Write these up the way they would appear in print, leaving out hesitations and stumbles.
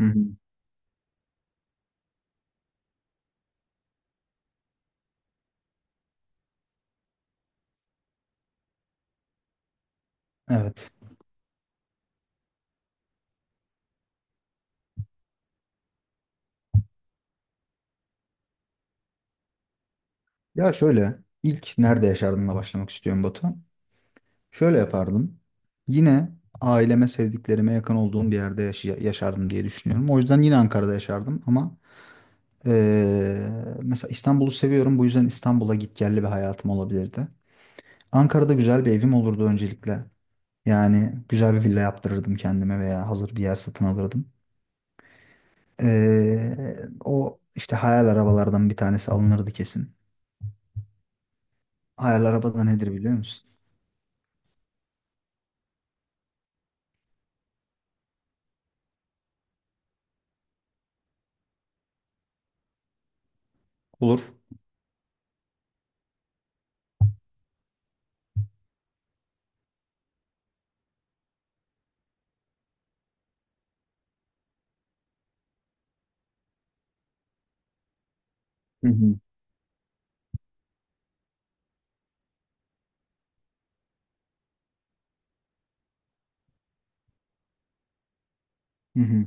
Hı hı. Evet. Ya şöyle ilk nerede yaşardımla başlamak istiyorum Batu. Şöyle yapardım. Yine aileme, sevdiklerime yakın olduğum bir yerde yaşardım diye düşünüyorum. O yüzden yine Ankara'da yaşardım ama eee, mesela İstanbul'u seviyorum. Bu yüzden İstanbul'a gitgelli bir hayatım olabilirdi. Ankara'da güzel bir evim olurdu öncelikle. Yani güzel bir villa yaptırırdım kendime veya hazır bir yer satın alırdım. O işte hayal arabalardan bir tanesi alınırdı kesin. Hayal araba da nedir biliyor musun? Olur. Hı hı. Hı hı.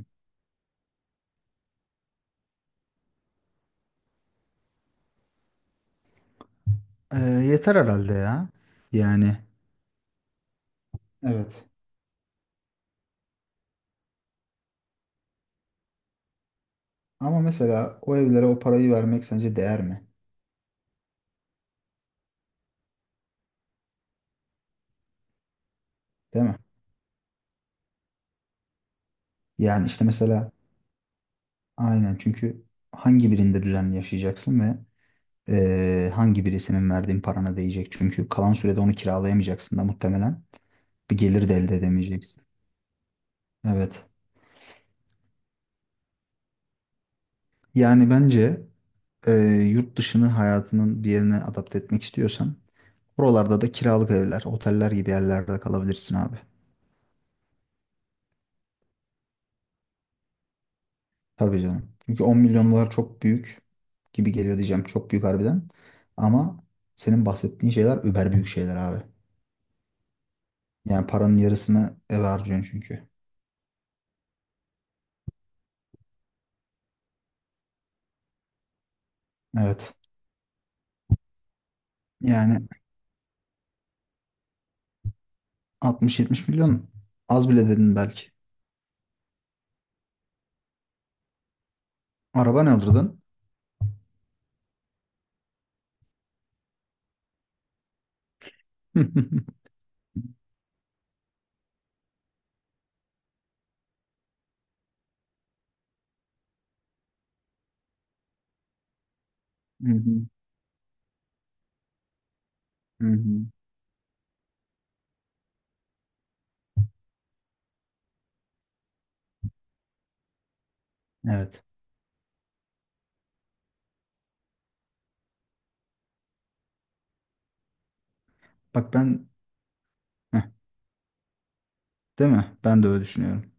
Yeter herhalde ya. Yani evet. Ama mesela o evlere o parayı vermek sence değer mi? Değil mi? Yani işte mesela aynen çünkü hangi birinde düzenli yaşayacaksın ve hangi birisinin verdiğin parana değecek? Çünkü kalan sürede onu kiralayamayacaksın da muhtemelen. Bir gelir de elde edemeyeceksin. Evet. Yani bence eee, yurt dışını hayatının bir yerine adapte etmek istiyorsan oralarda da kiralık evler, oteller gibi yerlerde kalabilirsin abi. Tabii canım. Çünkü 10 milyon dolar çok büyük gibi geliyor diyeceğim. Çok büyük harbiden. Ama senin bahsettiğin şeyler über büyük şeyler abi. Yani paranın yarısını eve harcıyorsun çünkü. Evet. Yani 60-70 milyon az bile dedin belki. Araba ne alırdın? Hı hı, hı hı. Evet. Bak ben Heh, değil mi? Ben de öyle düşünüyorum.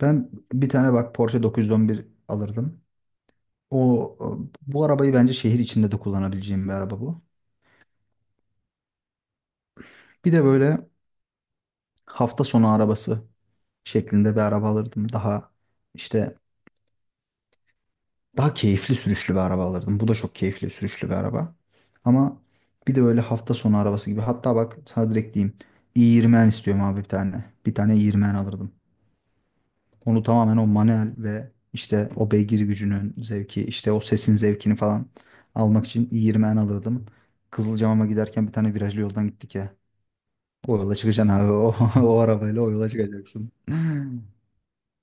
Ben bir tane bak Porsche 911 alırdım. O bu arabayı bence şehir içinde de kullanabileceğim bir araba bu. Bir de böyle hafta sonu arabası şeklinde bir araba alırdım. Daha işte daha keyifli sürüşlü bir araba alırdım. Bu da çok keyifli sürüşlü bir araba. Ama bir de böyle hafta sonu arabası gibi. Hatta bak sana direkt diyeyim. i20 istiyorum abi bir tane. Bir tane i20 alırdım. Onu tamamen o manuel ve işte o beygir gücünün zevki, işte o sesin zevkini falan almak için i20 alırdım. Kızılcamam'a giderken bir tane virajlı yoldan gittik ya. O yola çıkacaksın abi. O arabayla o yola çıkacaksın.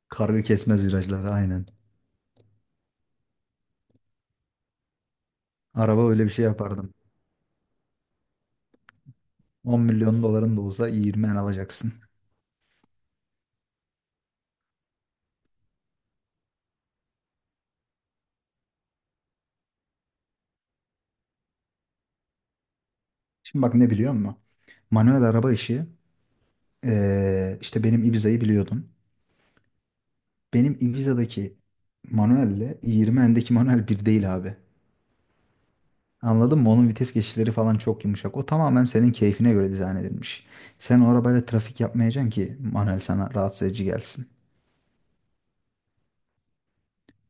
Kargı kesmez virajları aynen. Araba öyle bir şey yapardım. 10 milyon doların da olsa iyi 20 en alacaksın. Şimdi bak ne biliyor musun? Manuel araba işi işte benim Ibiza'yı biliyordun. Benim Ibiza'daki manuelle 20 endeki manuel bir değil abi. Anladın mı? Onun vites geçişleri falan çok yumuşak. O tamamen senin keyfine göre dizayn edilmiş. Sen o arabayla trafik yapmayacaksın ki manuel sana rahatsız edici gelsin.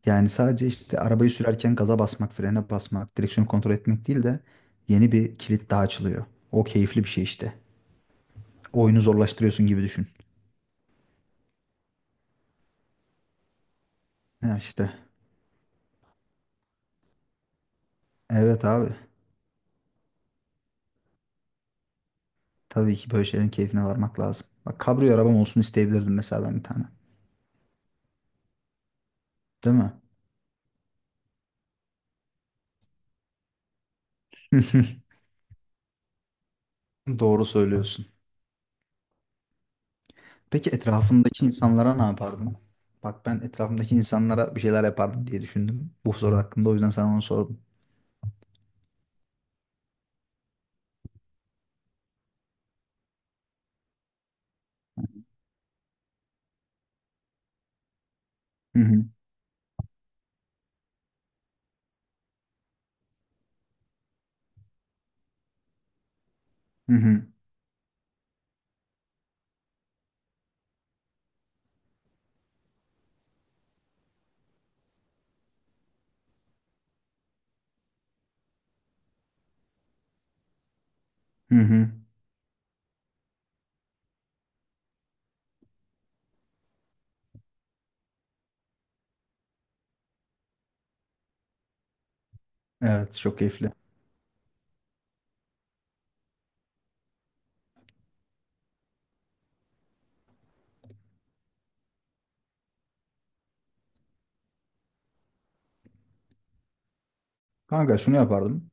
Yani sadece işte arabayı sürerken gaza basmak, frene basmak, direksiyonu kontrol etmek değil de yeni bir kilit daha açılıyor. O keyifli bir şey işte. Oyunu zorlaştırıyorsun gibi düşün. Ya işte. Evet abi. Tabii ki böyle şeylerin keyfine varmak lazım. Bak kabrio arabam olsun isteyebilirdim mesela ben bir tane. Değil mi? Doğru söylüyorsun. Peki etrafındaki insanlara ne yapardın? Bak ben etrafımdaki insanlara bir şeyler yapardım diye düşündüm. Bu soru hakkında o yüzden sana onu sordum. Hı hı. Hı hı. Hı hı. Evet çok keyifli. Kanka şunu yapardım.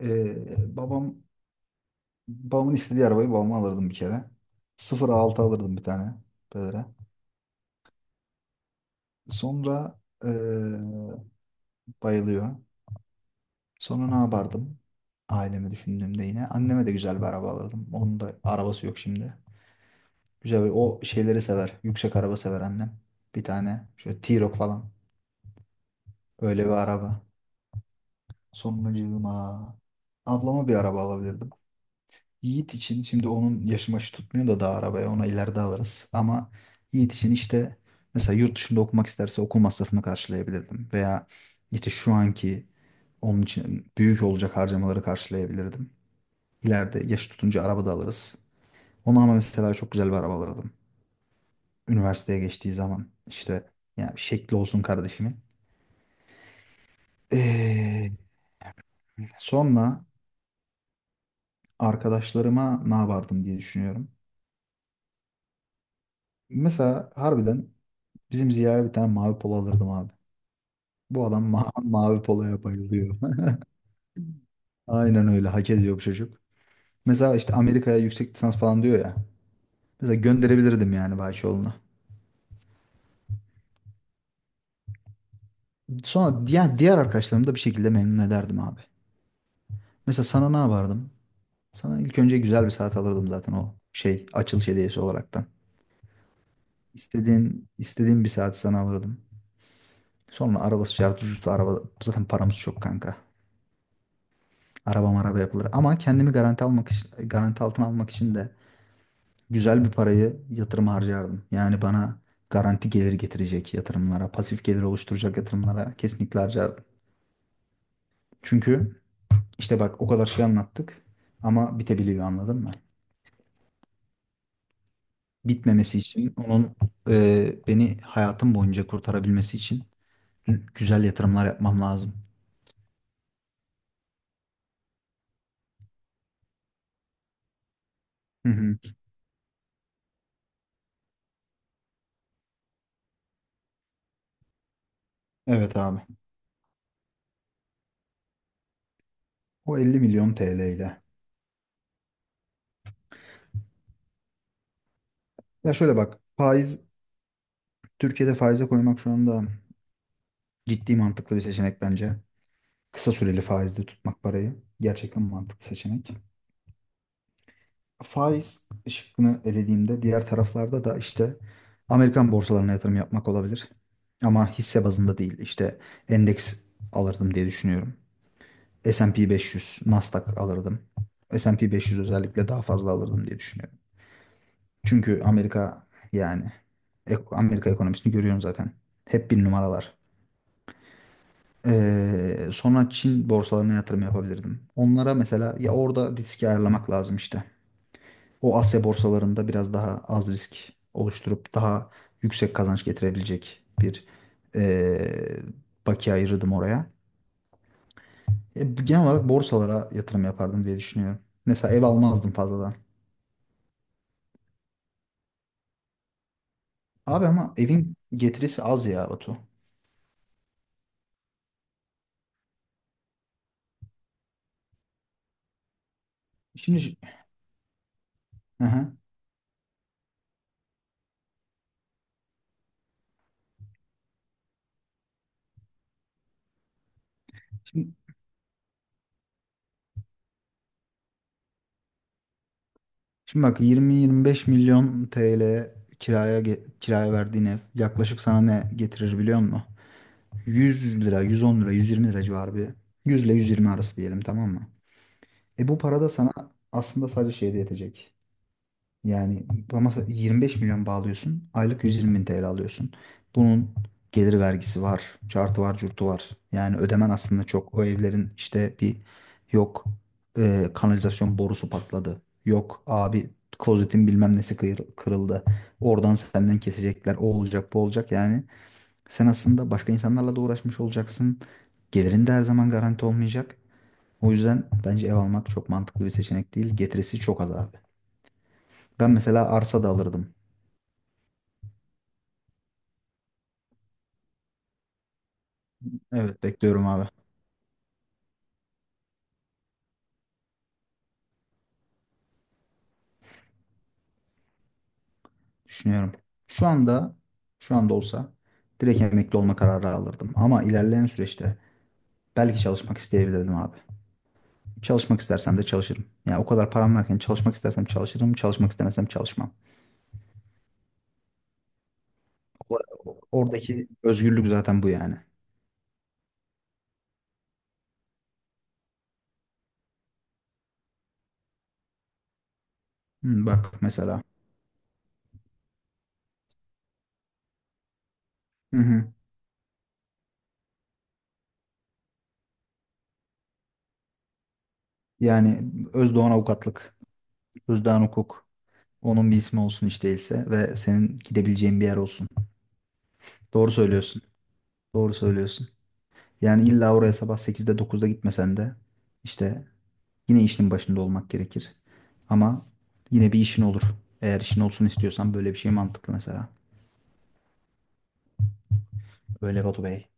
Ee, babam babamın istediği arabayı babama alırdım bir kere. 0.6 alırdım bir tane pedere. Sonra ee, bayılıyor. Sonra ne yapardım? Ailemi düşündüğümde yine anneme de güzel bir araba alırdım. Onun da arabası yok şimdi. Güzel bir, o şeyleri sever. Yüksek araba sever annem. Bir tane şöyle T-Roc falan. Öyle bir araba. Sonracığıma ablama bir araba alabilirdim. Yiğit için şimdi onun yaşı maşı tutmuyor da daha arabaya ona ileride alırız. Ama Yiğit için işte mesela yurt dışında okumak isterse okul masrafını karşılayabilirdim. Veya işte şu anki onun için büyük olacak harcamaları karşılayabilirdim. İleride yaş tutunca araba da alırız. Ona ama mesela çok güzel bir araba alırdım. Üniversiteye geçtiği zaman işte yani şekli olsun kardeşimin. Ee, Sonra arkadaşlarıma ne yapardım diye düşünüyorum. Mesela harbiden Bizim Ziya'ya bir tane mavi polo alırdım abi. Bu adam mavi poloya bayılıyor. Aynen öyle hak ediyor bu çocuk. Mesela işte Amerika'ya yüksek lisans falan diyor ya. Mesela gönderebilirdim yani Bahçoğlu'na. Sonra diğer arkadaşlarımı da bir şekilde memnun ederdim abi. Mesela sana ne yapardım? Sana ilk önce güzel bir saat alırdım zaten o şey açılış hediyesi olaraktan. İstediğin bir saat sana alırdım. Sonra arabası şartı ucuzdu araba. Zaten paramız çok kanka. Araba maraba yapılır. Ama kendimi garanti almak için, garanti altına almak için de güzel bir parayı yatırım harcardım. Yani bana garanti gelir getirecek yatırımlara, pasif gelir oluşturacak yatırımlara kesinlikle harcardım. Çünkü işte bak o kadar şey anlattık ama bitebiliyor anladın mı? Bitmemesi için onun beni hayatım boyunca kurtarabilmesi için güzel yatırımlar yapmam lazım. Hı hı. Evet abi. O 50 milyon TL ile. Ya şöyle bak faiz Türkiye'de faize koymak şu anda ciddi mantıklı bir seçenek bence. Kısa süreli faizde tutmak parayı gerçekten mantıklı seçenek. Faiz şıkkını elediğimde diğer taraflarda da işte Amerikan borsalarına yatırım yapmak olabilir. Ama hisse bazında değil. İşte endeks alırdım diye düşünüyorum. S&P 500, Nasdaq alırdım. S&P 500 özellikle daha fazla alırdım diye düşünüyorum. Çünkü Amerika yani Amerika ekonomisini görüyorum zaten. Hep bir numaralar. Sonra Çin borsalarına yatırım yapabilirdim. Onlara mesela ya orada riski ayarlamak lazım işte. O Asya borsalarında biraz daha az risk oluşturup daha yüksek kazanç getirebilecek bir ee, bakiye ayırırdım oraya. Genel olarak borsalara yatırım yapardım diye düşünüyorum. Mesela ev almazdım fazladan. Abi ama evin getirisi az ya Batu. Şimdi, hı hı. Şimdi Şimdi bak 20-25 milyon TL kiraya kiraya verdiğin ev yaklaşık sana ne getirir biliyor musun? 100 lira, 110 lira, 120 lira civarı bir. 100 ile 120 arası diyelim tamam mı? E bu para da sana aslında sadece şeyde yetecek. Yani ama 25 milyon bağlıyorsun. Aylık 120 bin TL alıyorsun. Bunun gelir vergisi var. Cartı var, curtu var. Yani ödemen aslında çok. O evlerin işte bir yok kanalizasyon borusu patladı. Yok abi klozetin bilmem nesi kırıldı. Oradan senden kesecekler. O olacak, bu olacak. Yani sen aslında başka insanlarla da uğraşmış olacaksın. Gelirin de her zaman garanti olmayacak. O yüzden bence ev almak çok mantıklı bir seçenek değil. Getirisi çok az abi. Ben mesela arsa da alırdım. Evet bekliyorum abi. Düşünüyorum. Şu anda şu anda olsa direkt emekli olma kararı alırdım. Ama ilerleyen süreçte belki çalışmak isteyebilirdim abi. Çalışmak istersem de çalışırım. Yani o kadar param varken çalışmak istersem çalışırım, çalışmak istemesem çalışmam. Oradaki özgürlük zaten bu yani. Hı, bak mesela. Hı hı. Yani Özdoğan Avukatlık, Özdoğan Hukuk. Onun bir ismi olsun hiç değilse ve senin gidebileceğin bir yer olsun. Doğru söylüyorsun. Doğru söylüyorsun. Yani illa oraya sabah sekizde dokuzda gitmesen de işte yine işinin başında olmak gerekir. Ama yine bir işin olur. Eğer işin olsun istiyorsan böyle bir şey mantıklı mesela. Öyle Batu Bey.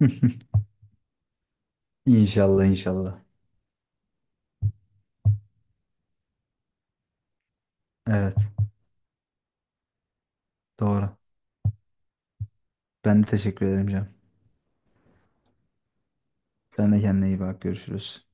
İnşallah inşallah. Evet doğru. Ben de teşekkür ederim canım. Sen de kendine iyi bak görüşürüz.